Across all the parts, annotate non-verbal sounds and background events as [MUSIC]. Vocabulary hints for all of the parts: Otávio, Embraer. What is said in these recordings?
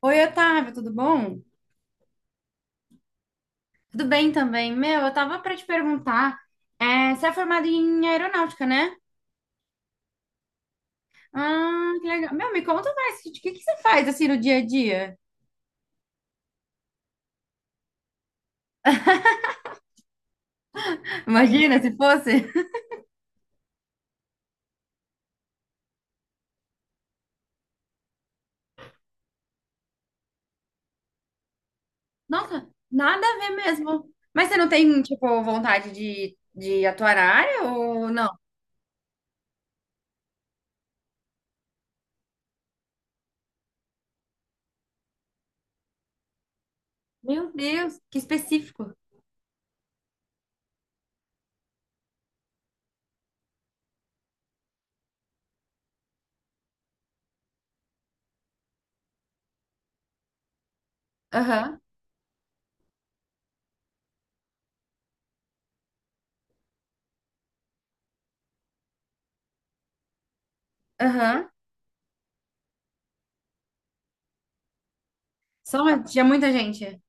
Oi, Otávio, tudo bom? Tudo bem também. Meu, eu tava pra te perguntar, você é formado em aeronáutica, né? Ah, que legal. Meu, me conta mais, o que, que você faz assim no dia a dia? Imagina se fosse. Nossa, nada a ver mesmo. Mas você não tem, tipo, vontade de atuar na área ou não? Meu Deus, que específico. Aham, aham. Só tinha muita gente.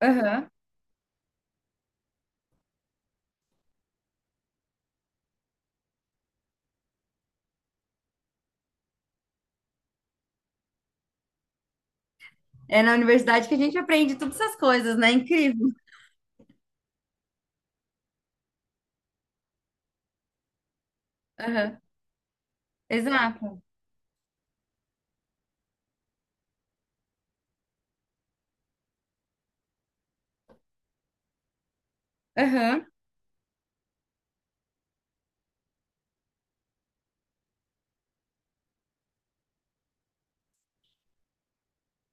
Aham. É na universidade que a gente aprende todas essas coisas, né? Incrível. Aham, exato. Aham.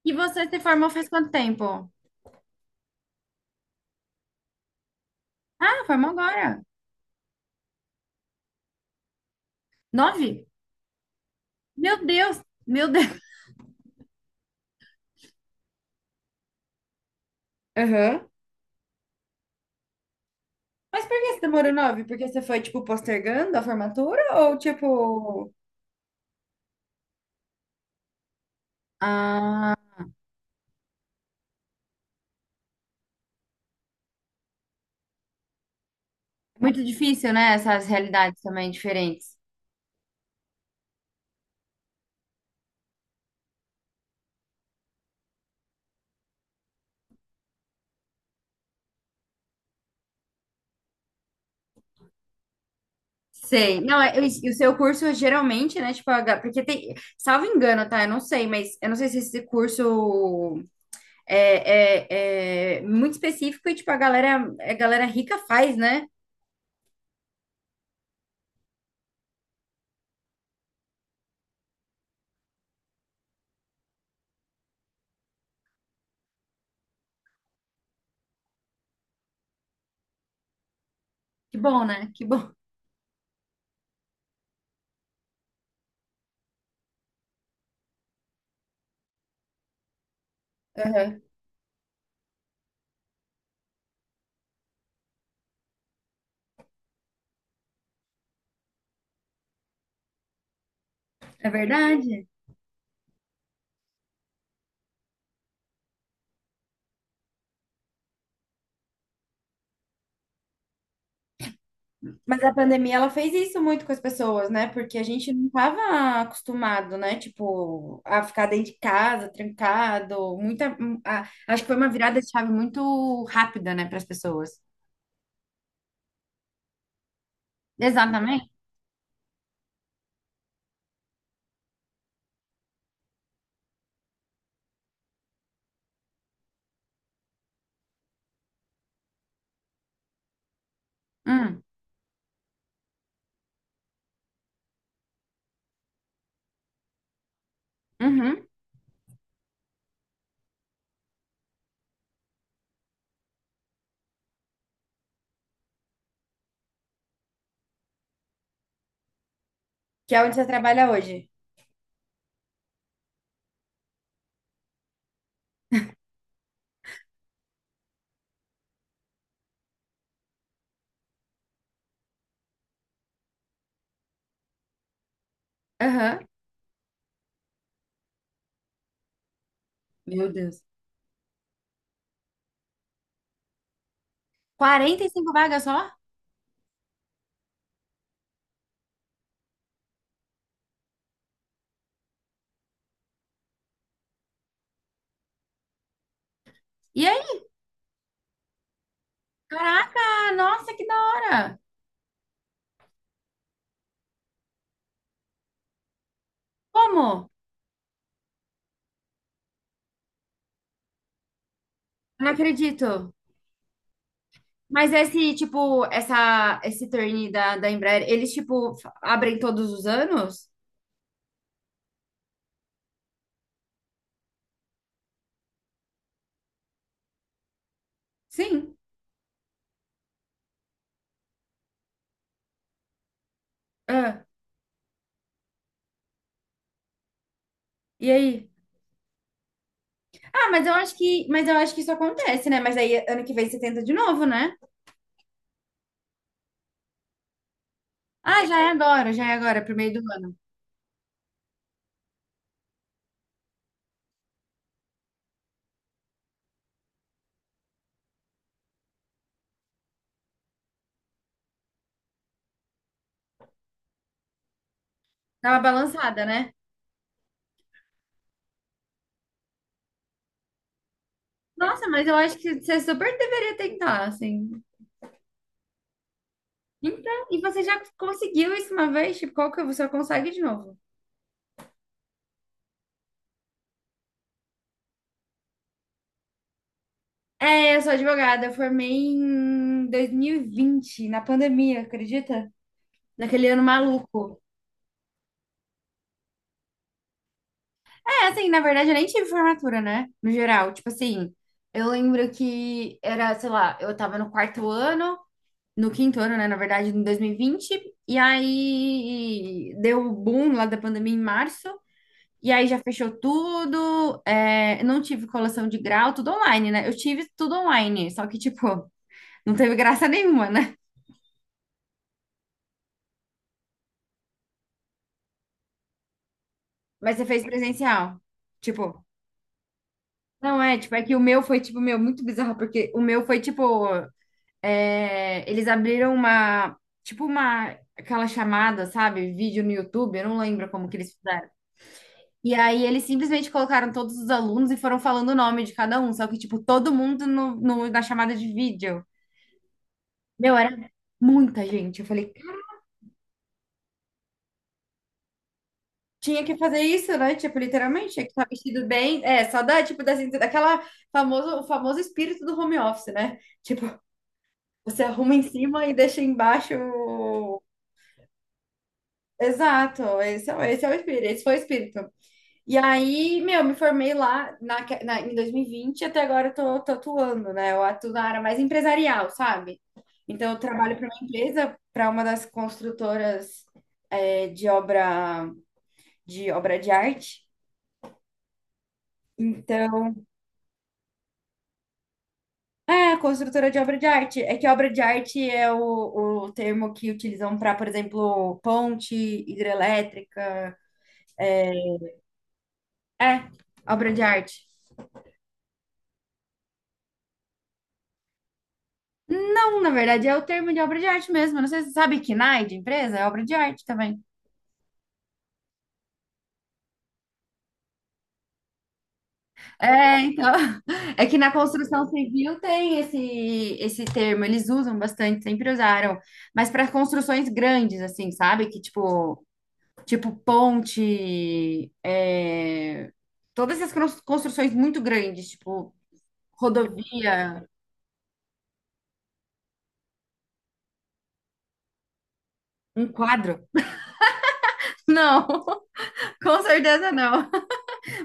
E você se formou faz quanto tempo? Ah, formou agora. Nove? Meu Deus, meu Deus. Aham. Mas por que você demorou nove? Porque você foi, tipo, postergando a formatura? Ou, tipo. Ah, muito difícil, né? Essas realidades também diferentes. Sei. Não, e o seu curso geralmente, né? Tipo, porque tem, salvo engano, tá? Eu não sei, mas eu não sei se esse curso é muito específico e, tipo, a galera rica faz, né? Que bom, né? Que bom. É verdade? Mas a pandemia, ela fez isso muito com as pessoas, né? Porque a gente não estava acostumado, né? Tipo, a ficar dentro de casa, trancado. Acho que foi uma virada de chave muito rápida, né, para as pessoas. Exatamente. Hum, uhum. Que é onde você trabalha hoje. Aham. Meu Deus. 45 vagas só? E aí? Caraca, nossa, que da hora! Como? Não acredito. Mas esse, tipo, essa, esse turn da Embraer, eles, tipo, abrem todos os anos? Sim. Ah, e aí? Ah, mas eu acho que isso acontece, né? Mas aí ano que vem você tenta de novo, né? Ah, já é agora, pro meio do ano. Dá uma balançada, né? Nossa, mas eu acho que você super deveria tentar, assim. Então, e você já conseguiu isso uma vez? Tipo, qual que você consegue de novo? É, eu sou advogada, eu formei em 2020 na pandemia, acredita? Naquele ano maluco. É, assim, na verdade eu nem tive formatura, né? No geral, tipo assim, eu lembro que era, sei lá, eu tava no quarto ano, no quinto ano, né, na verdade, em 2020, e vinte, e aí deu o boom lá da pandemia em março, e aí já fechou tudo, não tive colação de grau, tudo online, né? Eu tive tudo online, só que, tipo, [LAUGHS] não teve graça nenhuma, né? Mas você fez presencial. Tipo, não é, tipo, é que o meu foi, tipo, meu, muito bizarro, porque o meu foi, tipo. É eles abriram uma, tipo uma, aquela chamada, sabe? Vídeo no YouTube, eu não lembro como que eles fizeram. E aí eles simplesmente colocaram todos os alunos e foram falando o nome de cada um, só que, tipo, todo mundo na chamada de vídeo. Meu, era muita gente. Eu falei, tinha que fazer isso, né? Tipo, literalmente, tinha que estar vestido bem. É, só da, tipo, da, daquela famoso, o famoso espírito do home office, né? Tipo, você arruma em cima e deixa embaixo o- Exato, esse é o espírito, esse foi o espírito. E aí, meu, me formei lá em 2020 e vinte e até agora eu tô tatuando, né? Eu atuo na área mais empresarial, sabe? Então, eu trabalho para uma empresa, para uma das construtoras de obra de obra de arte. Então, construtora de obra de arte. É que obra de arte é o termo que utilizam para, por exemplo, ponte, hidrelétrica. É, obra de arte. Não, na verdade, é o termo de obra de arte mesmo. Eu não sei se você sabe que KNAI de empresa é obra de arte também. É, então, [LAUGHS] é que na construção civil tem esse termo, eles usam bastante, sempre usaram, mas para construções grandes, assim, sabe? Que tipo ponte, todas essas construções muito grandes, tipo rodovia, um quadro. Não, [LAUGHS] com certeza não.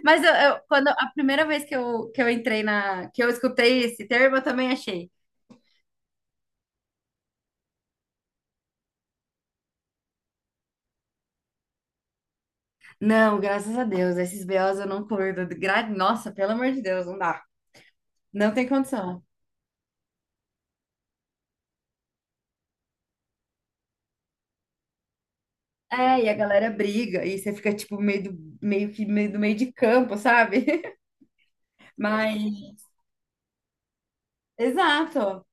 Mas quando a primeira vez que eu, entrei que eu escutei esse termo, eu também achei. Não, graças a Deus. Esses BOs eu não curto. Nossa, pelo amor de Deus, não dá. Não tem condição. E a galera briga, e você fica, tipo, meio que meio do meio de campo, sabe? [LAUGHS] Mas, exato.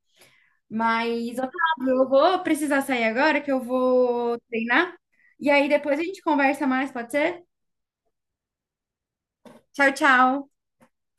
Mas, Otávio, eu vou precisar sair agora, que eu vou treinar. E aí depois a gente conversa mais, pode ser? Tchau, tchau.